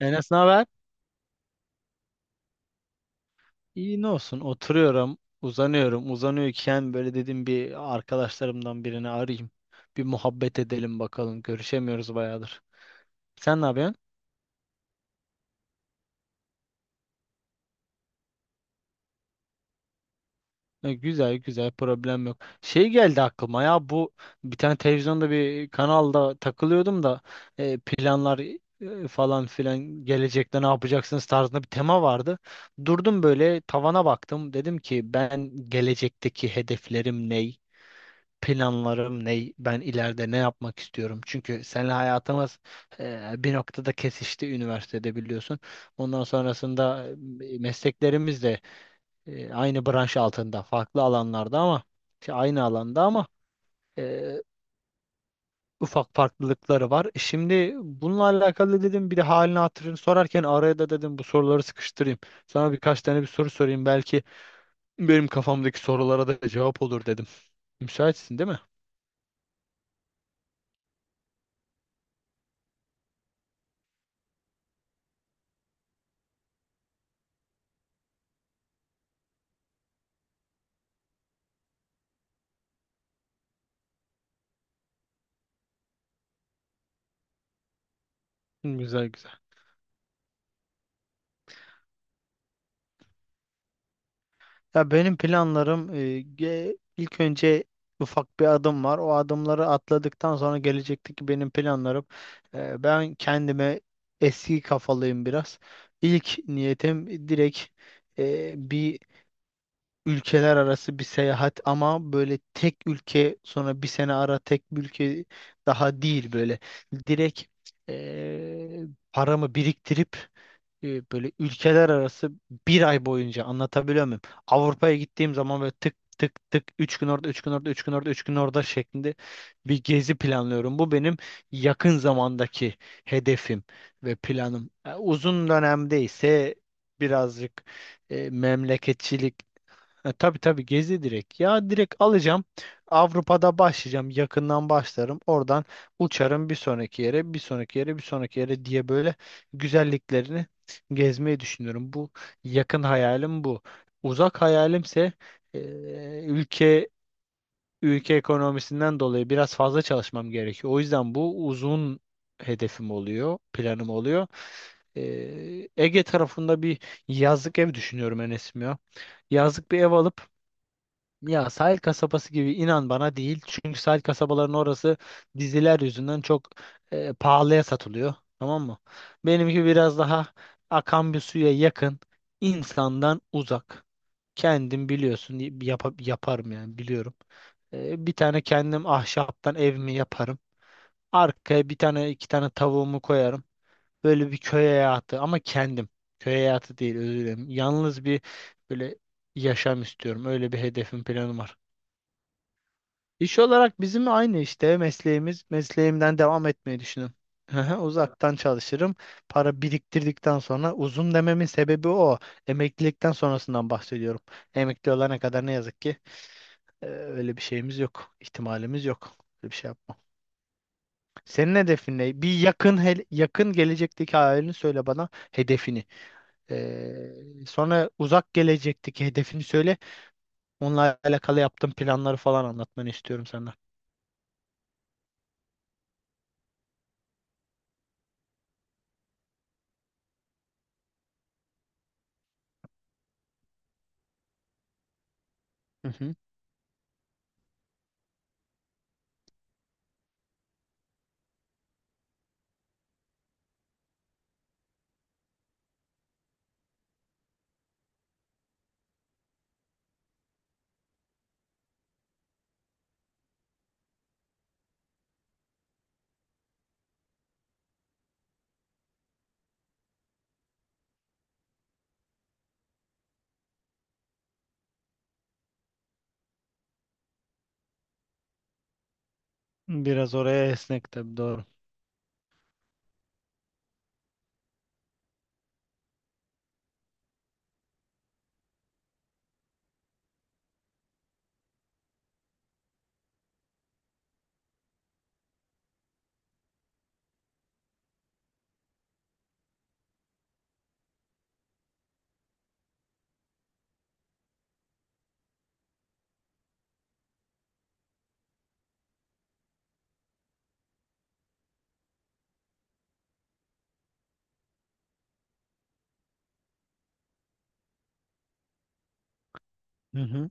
Enes ne haber? İyi ne olsun, oturuyorum, uzanıyorum, uzanıyorken böyle dedim bir arkadaşlarımdan birini arayayım. Bir muhabbet edelim bakalım, görüşemiyoruz bayağıdır. Sen ne yapıyorsun? Güzel güzel, problem yok. Şey geldi aklıma ya, bu bir tane televizyonda bir kanalda takılıyordum da, planlar, falan filan, gelecekte ne yapacaksınız tarzında bir tema vardı. Durdum böyle tavana baktım, dedim ki ben gelecekteki hedeflerim ne? Planlarım ne, ben ileride ne yapmak istiyorum? Çünkü seninle hayatımız bir noktada kesişti üniversitede, biliyorsun. Ondan sonrasında mesleklerimiz de aynı branş altında, farklı alanlarda, ama aynı alanda, ama e, ufak farklılıkları var. Şimdi bununla alakalı dedim, bir de halini hatırını sorarken araya da dedim bu soruları sıkıştırayım. Sana birkaç tane bir soru sorayım, belki benim kafamdaki sorulara da cevap olur dedim. Müsaitsin değil mi? Güzel güzel. Ya benim planlarım ilk önce ufak bir adım var. O adımları atladıktan sonra gelecekteki benim planlarım. Ben kendime, eski kafalıyım biraz. İlk niyetim direkt bir ülkeler arası bir seyahat, ama böyle tek ülke sonra bir sene ara tek bir ülke daha değil böyle. Direkt e, paramı biriktirip böyle ülkeler arası bir ay boyunca, anlatabiliyor muyum? Avrupa'ya gittiğim zaman böyle tık tık tık, 3 gün orada, 3 gün orada, 3 gün orada, 3 gün orada şeklinde bir gezi planlıyorum. Bu benim yakın zamandaki hedefim ve planım. Uzun dönemde ise birazcık memleketçilik. Tabii tabii, gezi direkt. Ya direkt alacağım. Avrupa'da başlayacağım. Yakından başlarım. Oradan uçarım bir sonraki yere, bir sonraki yere, bir sonraki yere diye böyle güzelliklerini gezmeyi düşünüyorum. Bu yakın hayalim bu. Uzak hayalimse e, ülke ülke ekonomisinden dolayı biraz fazla çalışmam gerekiyor. O yüzden bu uzun hedefim oluyor, planım oluyor. Ege tarafında bir yazlık ev düşünüyorum Enes'im ya. Yazlık bir ev alıp, ya sahil kasabası gibi inan bana değil. Çünkü sahil kasabaların orası diziler yüzünden çok pahalıya satılıyor. Tamam mı? Benimki biraz daha akan bir suya yakın, insandan uzak. Kendim biliyorsun, yaparım, yani biliyorum. Bir tane kendim ahşaptan evimi yaparım. Arkaya bir tane, iki tane tavuğumu koyarım. Böyle bir köy hayatı, ama kendim. Köy hayatı değil, özür dilerim. Yalnız bir böyle yaşam istiyorum. Öyle bir hedefim, planım var. İş olarak bizim aynı işte mesleğimiz. Mesleğimden devam etmeyi düşünüyorum. Hı hı, uzaktan çalışırım. Para biriktirdikten sonra, uzun dememin sebebi o. Emeklilikten sonrasından bahsediyorum. Emekli olana kadar ne yazık ki öyle bir şeyimiz yok, ihtimalimiz yok. Öyle bir şey yapmam. Senin hedefin ne? Bir yakın yakın gelecekteki hayalini söyle bana, hedefini. Sonra uzak gelecekteki hedefini söyle. Onunla alakalı yaptığın planları falan anlatmanı istiyorum senden. Biraz oraya esnek, tabii, doğru. Hı hı.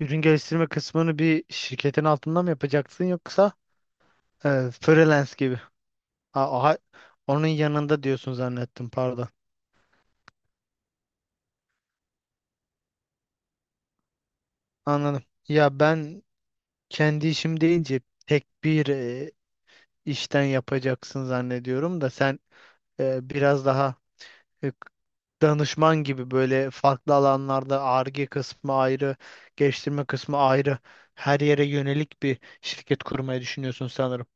Ürün geliştirme kısmını bir şirketin altında mı yapacaksın, yoksa freelance gibi? Ha, aha, onun yanında diyorsun zannettim, pardon. Anladım. Ya ben kendi işim deyince tek bir işten yapacaksın zannediyorum, da sen biraz daha e, danışman gibi böyle farklı alanlarda, Ar-Ge kısmı ayrı, geliştirme kısmı ayrı, her yere yönelik bir şirket kurmayı düşünüyorsun sanırım.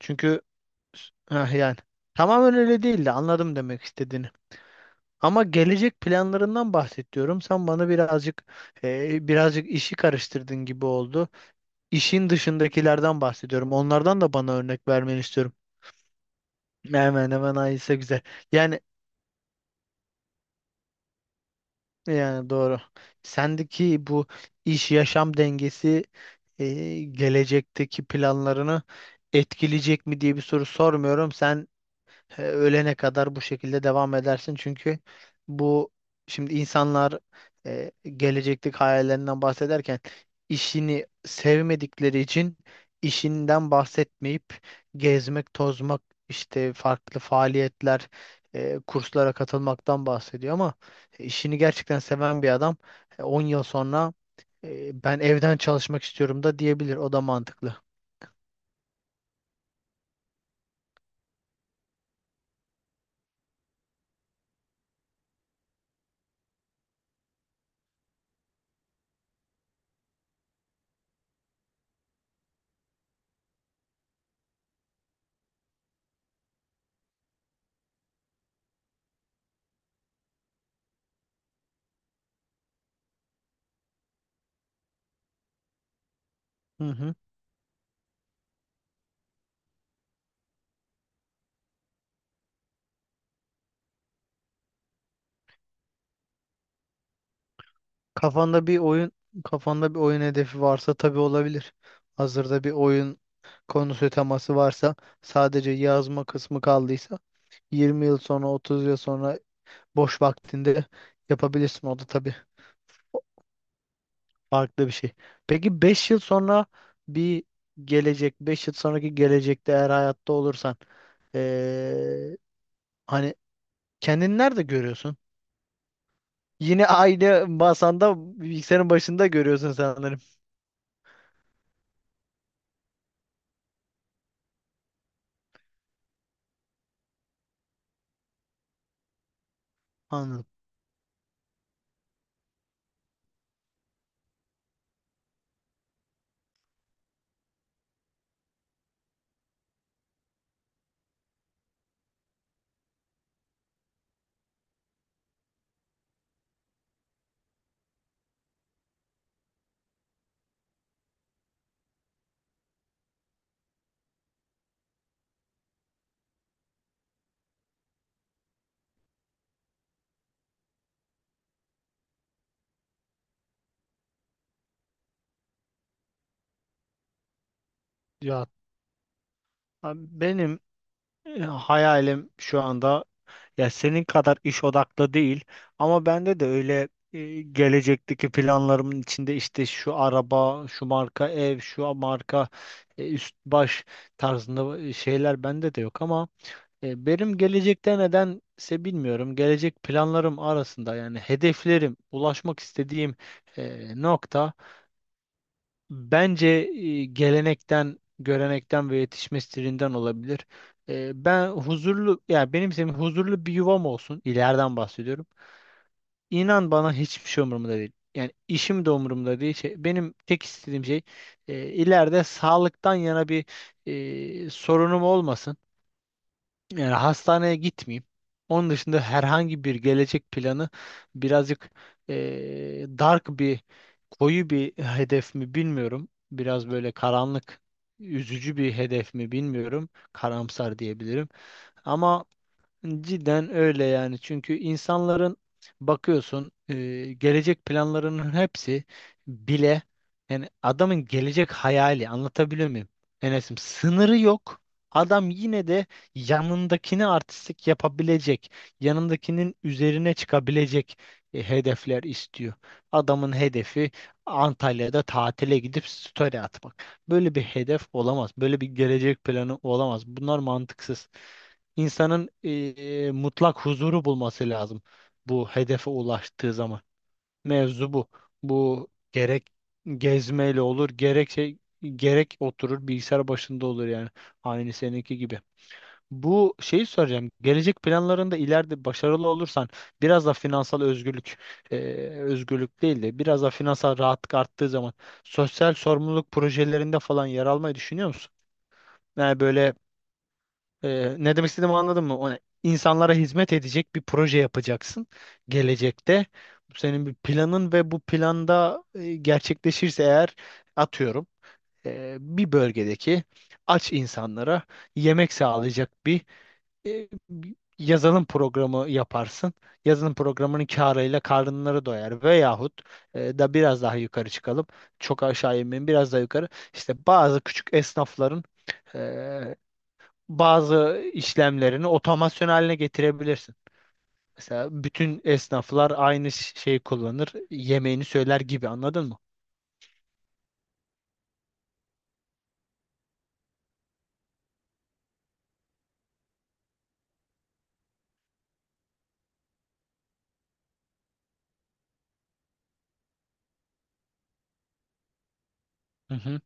Çünkü heh, yani tamamen öyle değildi, anladım demek istediğini. Ama gelecek planlarından bahsediyorum. Sen bana birazcık birazcık işi karıştırdın gibi oldu. İşin dışındakilerden bahsediyorum. Onlardan da bana örnek vermeni istiyorum. Hemen hemen aynısı, güzel. Yani yani doğru. Sendeki bu iş yaşam dengesi e, gelecekteki planlarını etkileyecek mi diye bir soru sormuyorum. Sen ölene kadar bu şekilde devam edersin. Çünkü bu, şimdi insanlar e, gelecekteki hayallerinden bahsederken işini sevmedikleri için işinden bahsetmeyip gezmek, tozmak, işte farklı faaliyetler, kurslara katılmaktan bahsediyor, ama işini gerçekten seven bir adam 10 yıl sonra ben evden çalışmak istiyorum da diyebilir. O da mantıklı. Hı hı. Kafanda bir oyun Kafanda bir oyun hedefi varsa tabii olabilir. Hazırda bir oyun konusu, teması varsa, sadece yazma kısmı kaldıysa, 20 yıl sonra, 30 yıl sonra boş vaktinde yapabilirsin. O da tabii farklı bir şey. Peki 5 yıl sonra bir gelecek, 5 yıl sonraki gelecekte eğer hayatta olursan eee, hani kendini nerede görüyorsun? Yine aynı masanda, bilgisayarın başında görüyorsun sanırım. Anladım. Ya abi, benim hayalim şu anda, ya senin kadar iş odaklı değil, ama bende de öyle gelecekteki planlarımın içinde işte şu araba, şu marka ev, şu marka üst baş tarzında şeyler bende de yok, ama benim gelecekte nedense, bilmiyorum. Gelecek planlarım arasında, yani hedeflerim, ulaşmak istediğim nokta, bence gelenekten, görenekten ve yetişme stilinden olabilir. Ben huzurlu, yani benim, senin huzurlu bir yuvam olsun. İleriden bahsediyorum. İnan bana hiçbir şey umurumda değil. Yani işim de umurumda değil. Şey, benim tek istediğim şey ileride sağlıktan yana bir sorunum olmasın. Yani hastaneye gitmeyeyim. Onun dışında herhangi bir gelecek planı birazcık dark bir, koyu bir hedef mi bilmiyorum. Biraz böyle karanlık, üzücü bir hedef mi bilmiyorum. Karamsar diyebilirim. Ama cidden öyle yani. Çünkü insanların bakıyorsun gelecek planlarının hepsi bile, yani adamın gelecek hayali, anlatabiliyor muyum? Enes'im, sınırı yok. Adam yine de yanındakini artistik yapabilecek, yanındakinin üzerine çıkabilecek hedefler istiyor. Adamın hedefi Antalya'da tatile gidip story atmak. Böyle bir hedef olamaz. Böyle bir gelecek planı olamaz. Bunlar mantıksız. İnsanın mutlak huzuru bulması lazım bu hedefe ulaştığı zaman. Mevzu bu. Bu gerek gezmeyle olur, gerek şey, gerek oturur bilgisayar başında olur yani. Aynı seninki gibi. Bu şeyi soracağım. Gelecek planlarında ileride başarılı olursan, biraz da finansal özgürlük, e, özgürlük değil de biraz da finansal rahatlık arttığı zaman, sosyal sorumluluk projelerinde falan yer almayı düşünüyor musun? Yani böyle, ne demek istediğimi anladın mı? O ne? İnsanlara hizmet edecek bir proje yapacaksın gelecekte. Bu senin bir planın ve bu planda gerçekleşirse eğer, atıyorum, bir bölgedeki aç insanlara yemek sağlayacak bir bir yazılım programı yaparsın. Yazılım programının karıyla karınları doyar, veyahut da biraz daha yukarı çıkalım. Çok aşağı inmeyin, biraz daha yukarı. İşte bazı küçük esnafların e, bazı işlemlerini otomasyon haline getirebilirsin. Mesela bütün esnaflar aynı şeyi kullanır, yemeğini söyler gibi, anladın mı? Hı hı.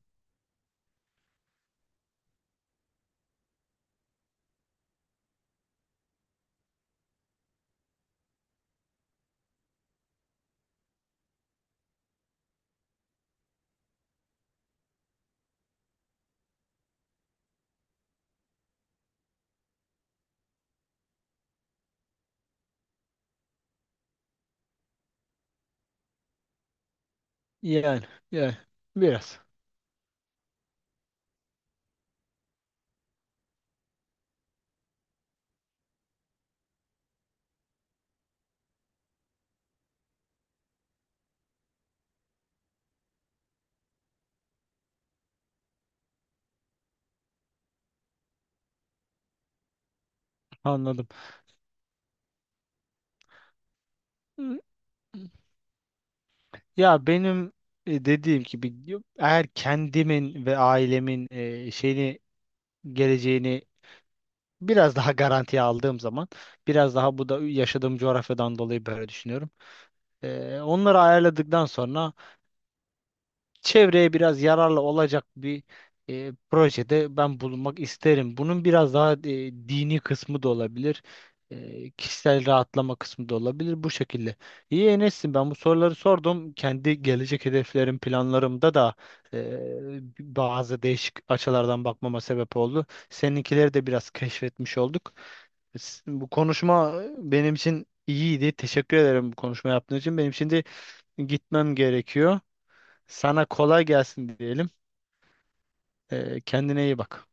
Yani, yani biraz anladım. Hı, ya benim dediğim gibi, eğer kendimin ve ailemin şeyini, geleceğini biraz daha garantiye aldığım zaman, biraz daha, bu da yaşadığım coğrafyadan dolayı böyle düşünüyorum. Onları ayarladıktan sonra çevreye biraz yararlı olacak bir projede ben bulunmak isterim. Bunun biraz daha dini kısmı da olabilir. Kişisel rahatlama kısmı da olabilir bu şekilde. İyi Enes'im, ben bu soruları sordum. Kendi gelecek hedeflerim, planlarımda da e, bazı değişik açılardan bakmama sebep oldu. Seninkileri de biraz keşfetmiş olduk. Bu konuşma benim için iyiydi. Teşekkür ederim bu konuşma yaptığın için. Benim şimdi gitmem gerekiyor. Sana kolay gelsin diyelim. Kendine iyi bak.